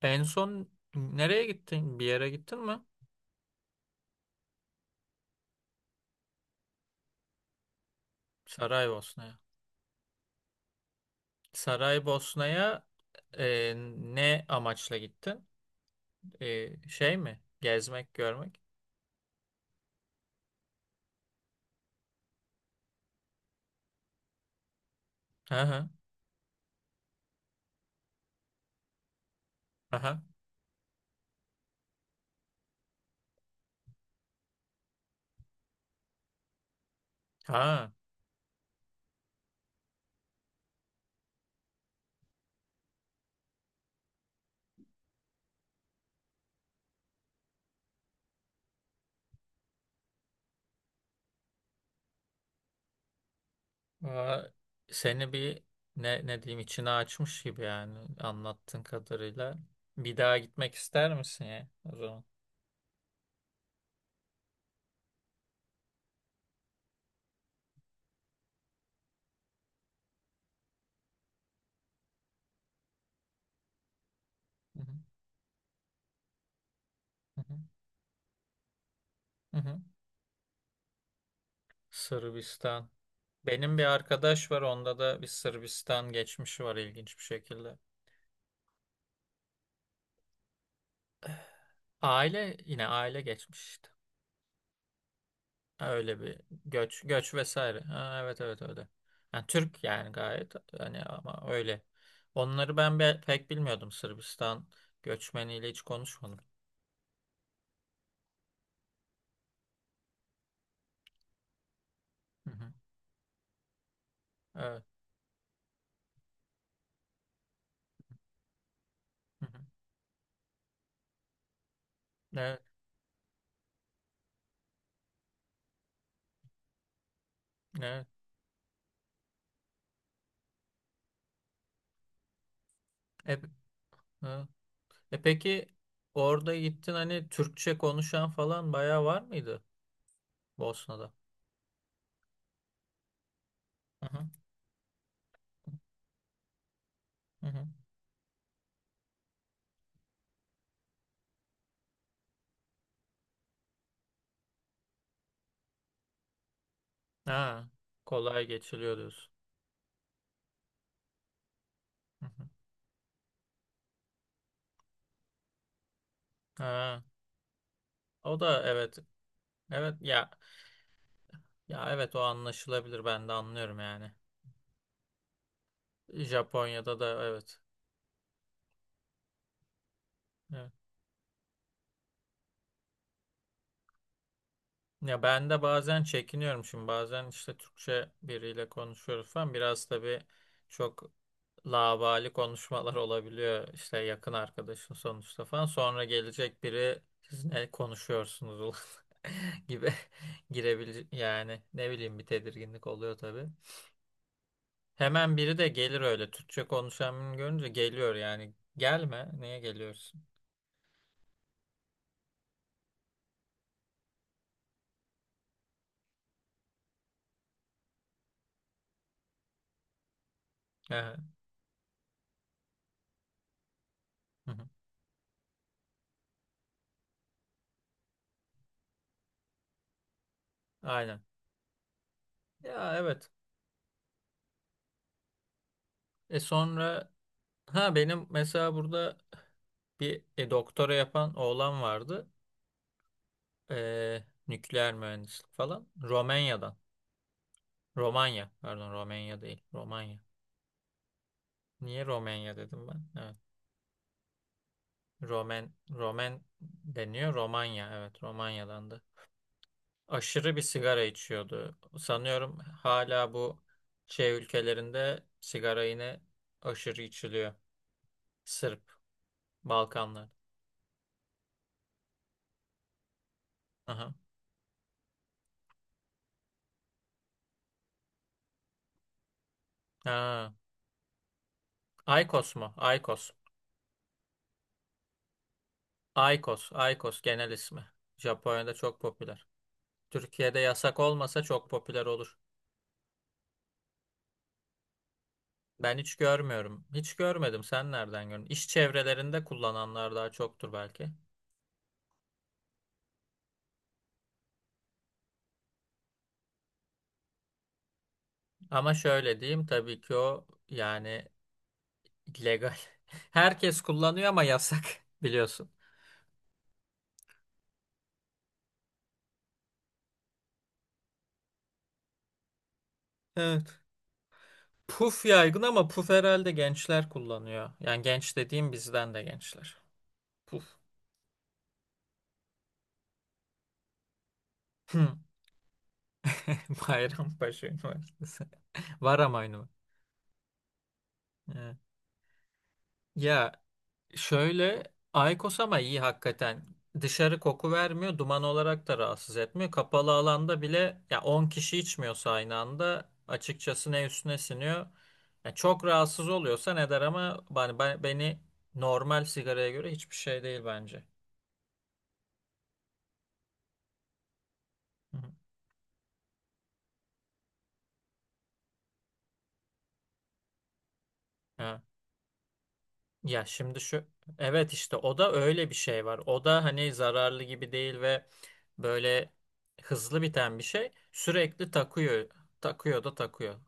En son nereye gittin? Bir yere gittin mi? Saraybosna'ya. Saraybosna'ya ne amaçla gittin? Şey mi? Gezmek, görmek? Aha, aha, ha. Aa, seni bir ne diyeyim, içine açmış gibi yani anlattığın kadarıyla. Bir daha gitmek ister misin ya o zaman? Hı hı, hı hı, hı hı. Sırbistan. Benim bir arkadaş var, onda da bir Sırbistan geçmişi var ilginç bir şekilde. Aile yine aile geçmiş işte. Öyle bir göç göç vesaire. Ha, evet evet öyle. Yani Türk yani gayet hani ama öyle. Onları ben pek bilmiyordum, Sırbistan göçmeniyle hiç konuşmadım. Hı hı. Evet. Hı hı. Evet. Evet. E, hı. Peki orada gittin hani Türkçe konuşan falan bayağı var mıydı Bosna'da? Hı hı. Hı hı. Ha, kolay geçiliyor diyorsun. Hı hı. Ha, o da evet. Evet ya. Ya evet, o anlaşılabilir, ben de anlıyorum yani. Japonya'da da evet. Evet. Ya ben de bazen çekiniyorum şimdi, bazen işte Türkçe biriyle konuşuyoruz falan, biraz tabii çok laubali konuşmalar olabiliyor işte, yakın arkadaşın sonuçta falan, sonra gelecek biri, siz ne konuşuyorsunuz ulan?" gibi girebilir yani, ne bileyim, bir tedirginlik oluyor tabii. Hemen biri de gelir, öyle Türkçe konuşan birini görünce geliyor yani, gelme, niye geliyorsun? Hı hı. Aynen. Ya evet. Sonra ha benim mesela burada bir doktora yapan oğlan vardı. Nükleer mühendislik falan. Romanya'dan. Romanya. Pardon, Romanya değil. Romanya. Niye Romanya dedim ben? Evet. Romen, Romen deniyor. Romanya. Evet, Romanya'dandı. Aşırı bir sigara içiyordu. Sanıyorum hala bu şey ülkelerinde sigara yine aşırı içiliyor. Sırp, Balkanlar. Ha, Aykos mu? Aykos. Aykos. Aykos genel ismi. Japonya'da çok popüler. Türkiye'de yasak olmasa çok popüler olur. Ben hiç görmüyorum. Hiç görmedim. Sen nereden gördün? İş çevrelerinde kullananlar daha çoktur belki. Ama şöyle diyeyim, tabii ki o yani legal. Herkes kullanıyor ama yasak, biliyorsun. Evet. Puf yaygın ama puf herhalde gençler kullanıyor. Yani genç dediğim bizden de gençler. Puf. Bayrampaşa Üniversitesi. Var ama aynı. Evet. Ya şöyle, Aykos ama iyi hakikaten. Dışarı koku vermiyor, duman olarak da rahatsız etmiyor. Kapalı alanda bile ya 10 kişi içmiyorsa aynı anda, açıkçası ne üstüne siniyor. Ya çok rahatsız oluyorsa ne der ama beni, normal sigaraya göre hiçbir şey değil bence. Hı hı. Evet. Ya şimdi şu evet işte o da öyle bir şey var. O da hani zararlı gibi değil ve böyle hızlı biten bir şey. Sürekli takıyor. Takıyor da takıyor.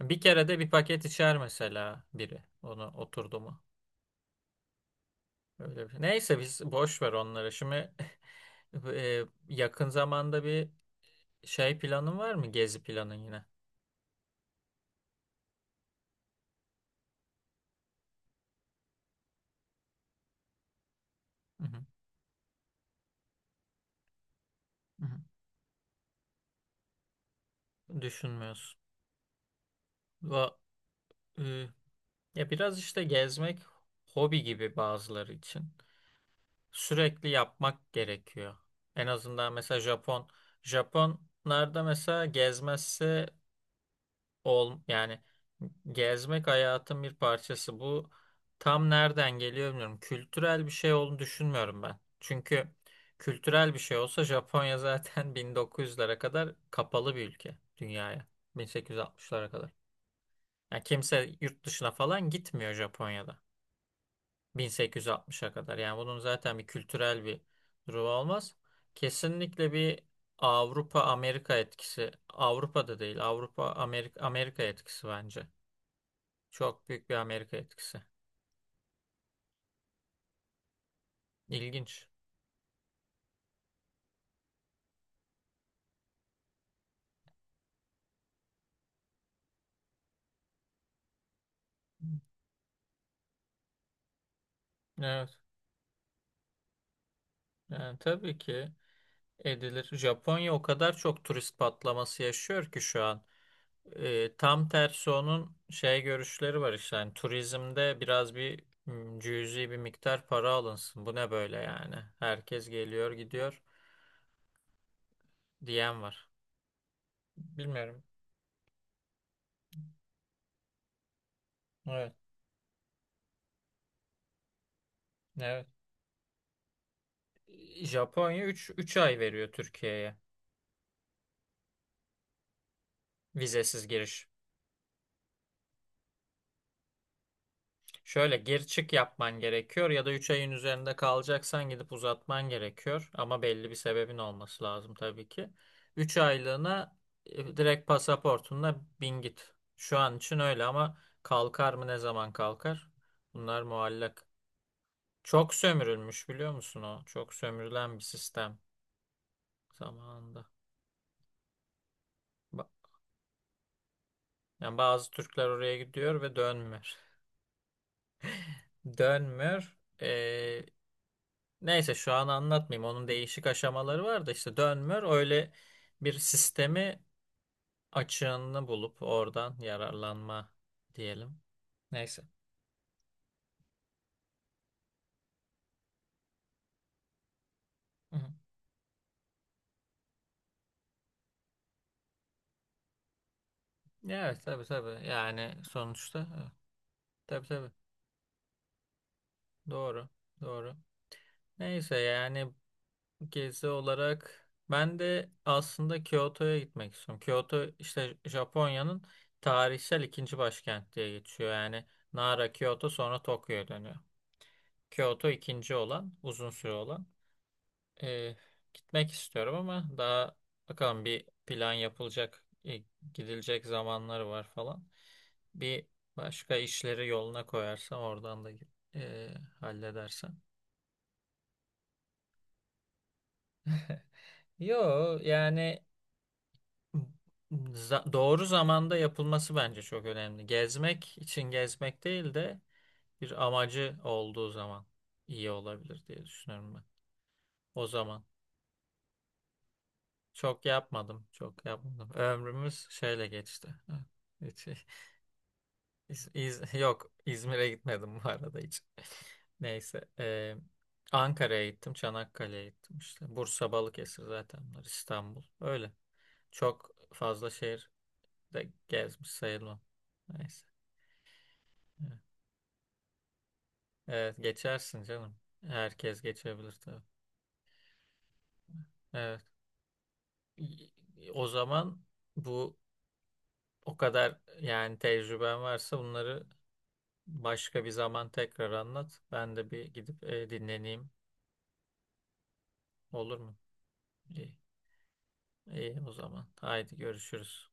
Bir kere de bir paket içer mesela biri. Onu oturdu mu? Öyle bir şey. Neyse, biz boş ver onları. Şimdi yakın zamanda bir şey planın var mı? Gezi planın yine. Hı hı, hı hı. Düşünmüyorsun. Va- e, ya biraz işte gezmek hobi gibi bazıları için, sürekli yapmak gerekiyor. En azından mesela Japonlarda mesela gezmezse ol yani, gezmek hayatın bir parçası. Bu tam nereden geliyor bilmiyorum. Kültürel bir şey olduğunu düşünmüyorum ben. Çünkü kültürel bir şey olsa Japonya zaten 1900'lere kadar kapalı bir ülke dünyaya. 1860'lara kadar. Yani kimse yurt dışına falan gitmiyor Japonya'da. 1860'a kadar. Yani bunun zaten bir kültürel bir durumu olmaz. Kesinlikle bir Avrupa Amerika etkisi. Avrupa'da değil. Avrupa Amerika Amerika etkisi bence. Çok büyük bir Amerika etkisi. İlginç. Evet. Yani tabii ki edilir, Japonya o kadar çok turist patlaması yaşıyor ki şu an. Tam tersi, onun şey görüşleri var işte yani, turizmde biraz bir cüzi bir miktar para alınsın. Bu ne böyle yani? Herkes geliyor gidiyor diyen var. Bilmiyorum. Evet. Evet. Japonya 3 3 ay veriyor Türkiye'ye vizesiz giriş. Şöyle gir çık yapman gerekiyor ya da 3 ayın üzerinde kalacaksan gidip uzatman gerekiyor. Ama belli bir sebebin olması lazım tabii ki. 3 aylığına direkt pasaportunla bin git. Şu an için öyle ama kalkar mı, ne zaman kalkar? Bunlar muallak. Çok sömürülmüş biliyor musun o? Çok sömürülen bir sistem zamanında. Ba- Yani bazı Türkler oraya gidiyor ve dönmüyor. Dönmüyor. Neyse, şu an anlatmayayım. Onun değişik aşamaları var da işte dönmür, öyle bir sistemi, açığını bulup oradan yararlanma diyelim. Neyse. Hı hı. Evet tabii tabii. Yani sonuçta evet. Tabii tabii. Doğru. Doğru. Neyse yani, gezi olarak ben de aslında Kyoto'ya gitmek istiyorum. Kyoto işte Japonya'nın tarihsel ikinci başkent diye geçiyor. Yani Nara, Kyoto, sonra Tokyo'ya dönüyor. Kyoto ikinci olan, uzun süre olan. Ee, gitmek istiyorum ama daha bakalım, bir plan yapılacak, gidilecek zamanları var falan. Bir başka işleri yoluna koyarsam, oradan da e, halledersem. Yo yani, doğru zamanda yapılması bence çok önemli. Gezmek için gezmek değil de bir amacı olduğu zaman iyi olabilir diye düşünüyorum ben. O zaman. Çok yapmadım. Çok yapmadım. Ömrümüz şöyle geçti. Ha, hiç, yok, İzmir'e gitmedim bu arada hiç. Neyse. Ankara'ya gittim. Çanakkale'ye gittim işte. Bursa, Balıkesir, zaten bunlar. İstanbul. Öyle. Çok fazla şehir de gezmiş sayılmam. Neyse. Evet, evet, geçersin canım. Herkes geçebilir tabii. Evet. Y- O zaman bu o kadar yani, tecrüben varsa bunları başka bir zaman tekrar anlat. Ben de bir gidip dinleneyim. Olur mu? İyi, iyi o zaman. Haydi görüşürüz.